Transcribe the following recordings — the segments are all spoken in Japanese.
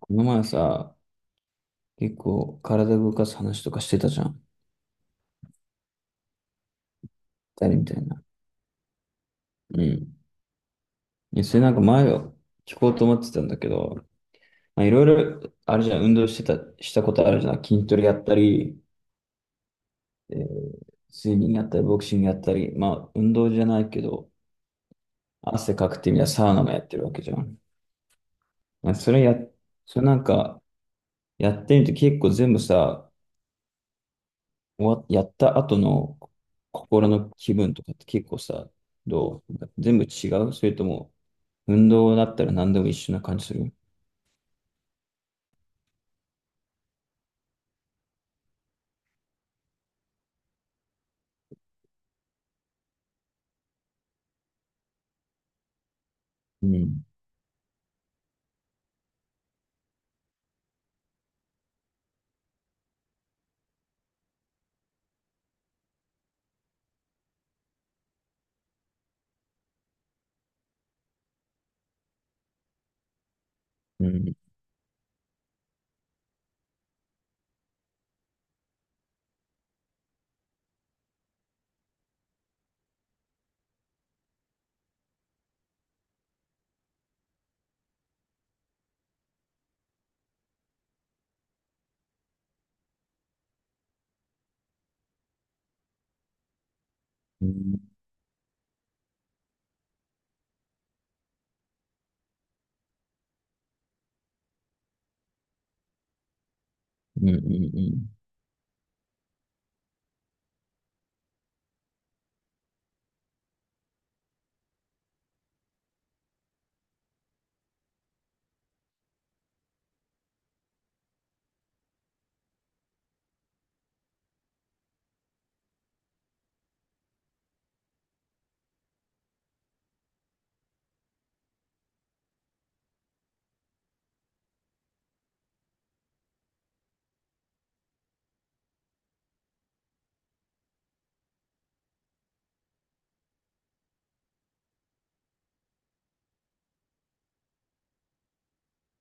この前さ、結構体動かす話とかしてたじゃん。二人みたいな。うん。いや、それなんか前を聞こうと思ってたんだけど、まあ、いろいろ、あれじゃん、運動してた、したことあるじゃん。筋トレやったり、えー、スイミングやったり、ボクシングやったり、まあ、運動じゃないけど、汗かくってみたらサウナもやってるわけじゃん。まあ、それや、それなんか、やってみて結構全部さ、終わやった後の心の気分とかって結構さ、どう全部違うそれとも、運動だったら何でも一緒な感じする。うん。うん。うん。うん。うんうん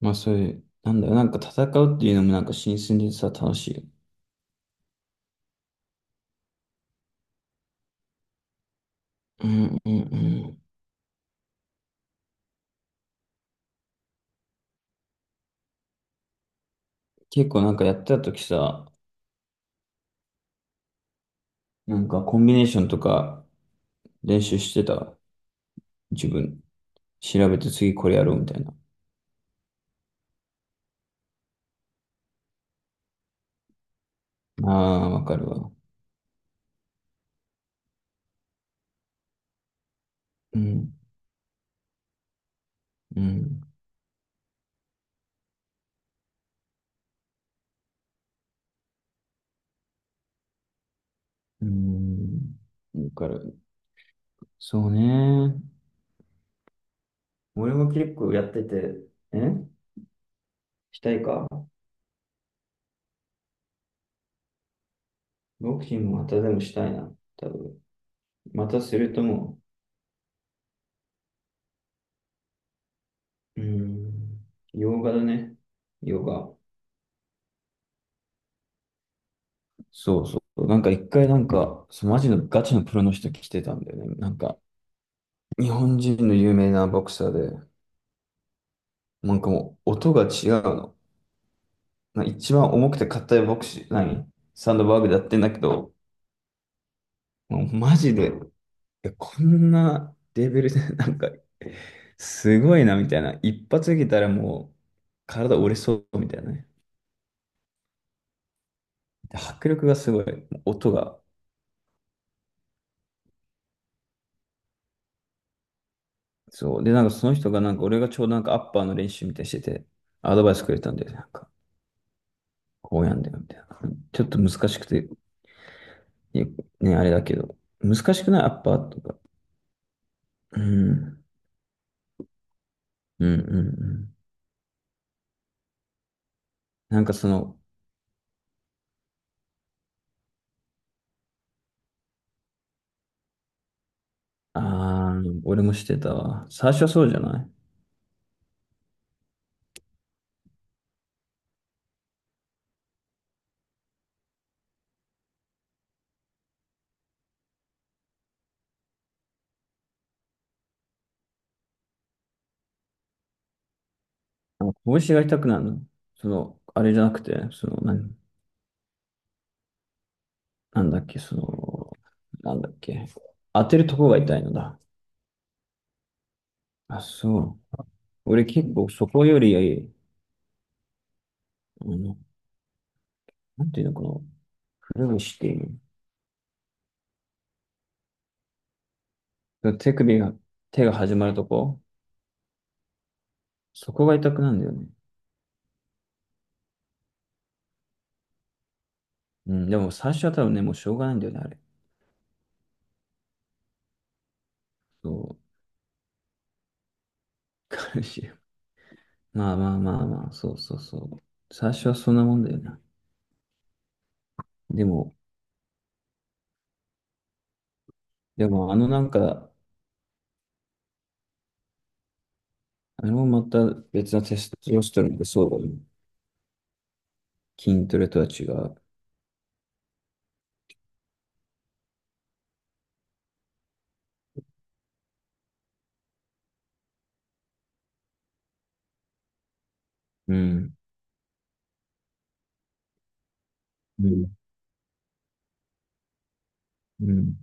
まあそういう、なんだろう、なんか戦うっていうのもなんか新鮮でさ、楽しい。うんうんうん。結構なんかやってた時さ、なんかコンビネーションとか練習してた。自分。調べて次これやろうみたいな。ああ、わかるわ。うん。うん。うん。わかる。そうね。俺も結構やってて、えしたいかボクシングまたでもしたいな。多分。またするともう、うーん、洋画だね。洋画。そうそう。なんか一回なんか、そうマジのガチのプロの人来てたんだよね。なんか、日本人の有名なボクサーで、なんかもう音が違うの。な一番重くて硬いボクシー、何サンドバーグでやってんだけど、もうマジで、いやこんなレベルで、なんか、すごいなみたいな。一発受けたらもう、体折れそうみたいなね。で迫力がすごい、音が。そう。で、なんかその人が、なんか俺がちょうどなんかアッパーの練習みたいにしてて、アドバイスくれたんで、なんか、こうやんだよ、みたいな。ちょっと難しくて、いやね、あれだけど。難しくないアッパーとか。うん。うんうんうん。なんかその、あー、俺もしてたわ。最初はそうじゃないあの拳が痛くなるの。その、あれじゃなくて、その、なんなんだっけ、その、なんだっけ。当てるとこが痛いのだ。あ、そう。俺結構そこより、あの、なんていうのかな、くるぶしっていうの。手首が、手が始まるとこ、そこが痛くなるんだよね。うん、でも最初は多分ね、もうしょうがないんだよね、あれ。そう、彼氏。まあまあまあまあ、そうそうそう。最初はそんなもんだよなでも、でもあのなんか、あのまた別のテストロステロンってそうだよね。筋トレとは違う。うん。うん。うん。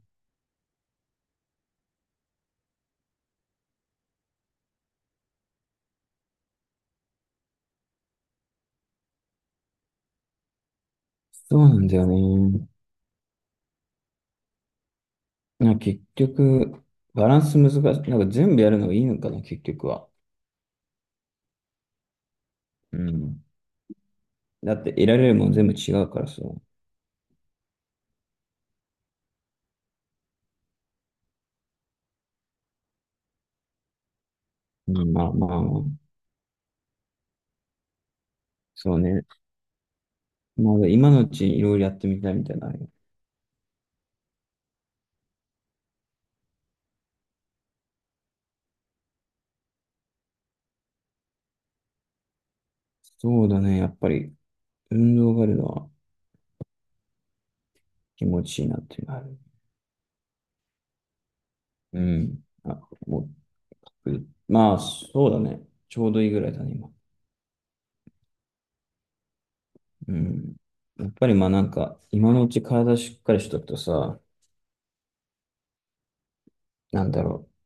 そうなんだよね。なんか結局、バランス難しい。なんか全部やるのがいいのかな、結局は。うん。だって得られるもん全部違うからさ。まあまあまあまあ、そうね。まだ今のうちにいろいろやってみたいみたいなのあるよ。そうだね。やっぱり運動があるのは気持ちいいなっていうのはある。うん。あ、もう、まあ、そうだね。ちょうどいいぐらいだね、今。うん。やっぱりまあなんか、今のうち体しっかりしとくとさ、なんだろう。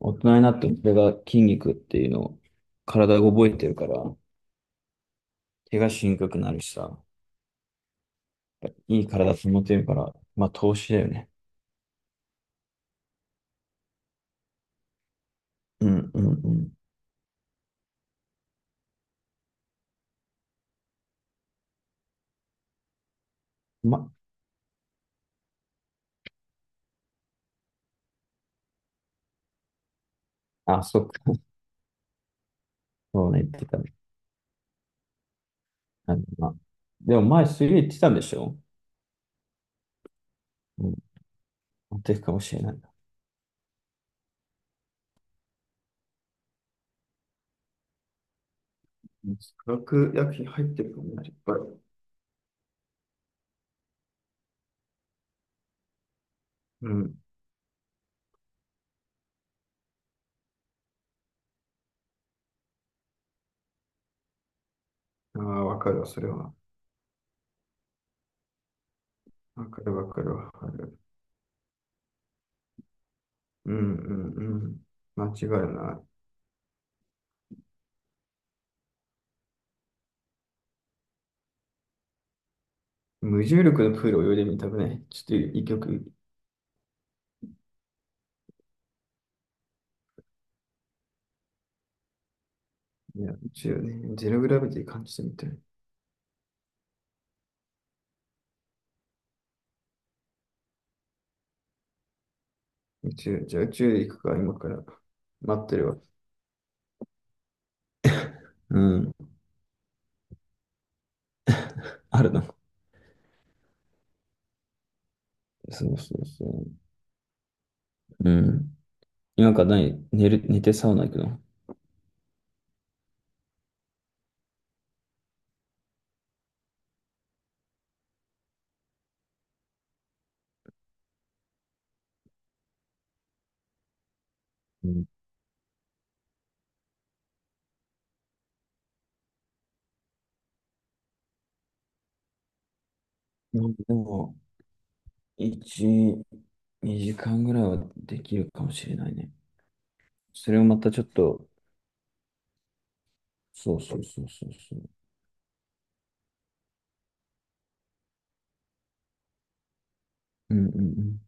大人になってもそれが筋肉っていうのを体が覚えてるから、怪我しにくくなるしさ、いい体保てるから、まあ投資だよね。うんうんうん。ま、あ、そっか。そうね、言ってたね。あのまあ、でも前水泳言ってたんでしょ？うん。持っていくかもしれないな。化学薬品入ってるかもね、いっぱい。うん。ああ、わかるわ、それは。わかるわかるわかる。うんうんうん。間違いない。無重力のプール泳いでみたくね。ちょっと一曲。いや、宇宙ね、ゼログラビティ感じてみたい。宇宙、じゃあ宇宙行くか、今から待ってるわ。うん。あるな。そうそうそう。うん。今から何寝る、寝てサウナ行くの？うん、なんかでも、1、2時間ぐらいはできるかもしれないね。それをまたちょっと、そうそうそうそうそう。うんうんうん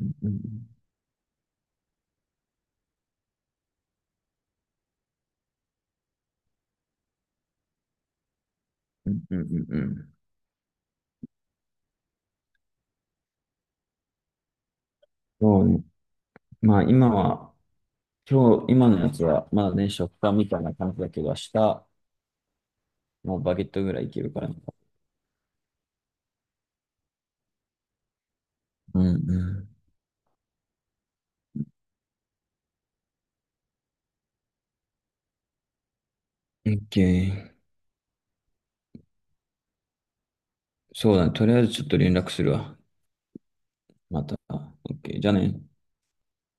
うんうんうんうんうんうん。そうね。まあ今は、今日、今のやつはまだね、食感みたいな感じだけど、明日、もうバゲットぐらいいけるからな。うんうん。OK。そうだね。とりあえずちょっと連絡するわ。また。OK。じゃあね。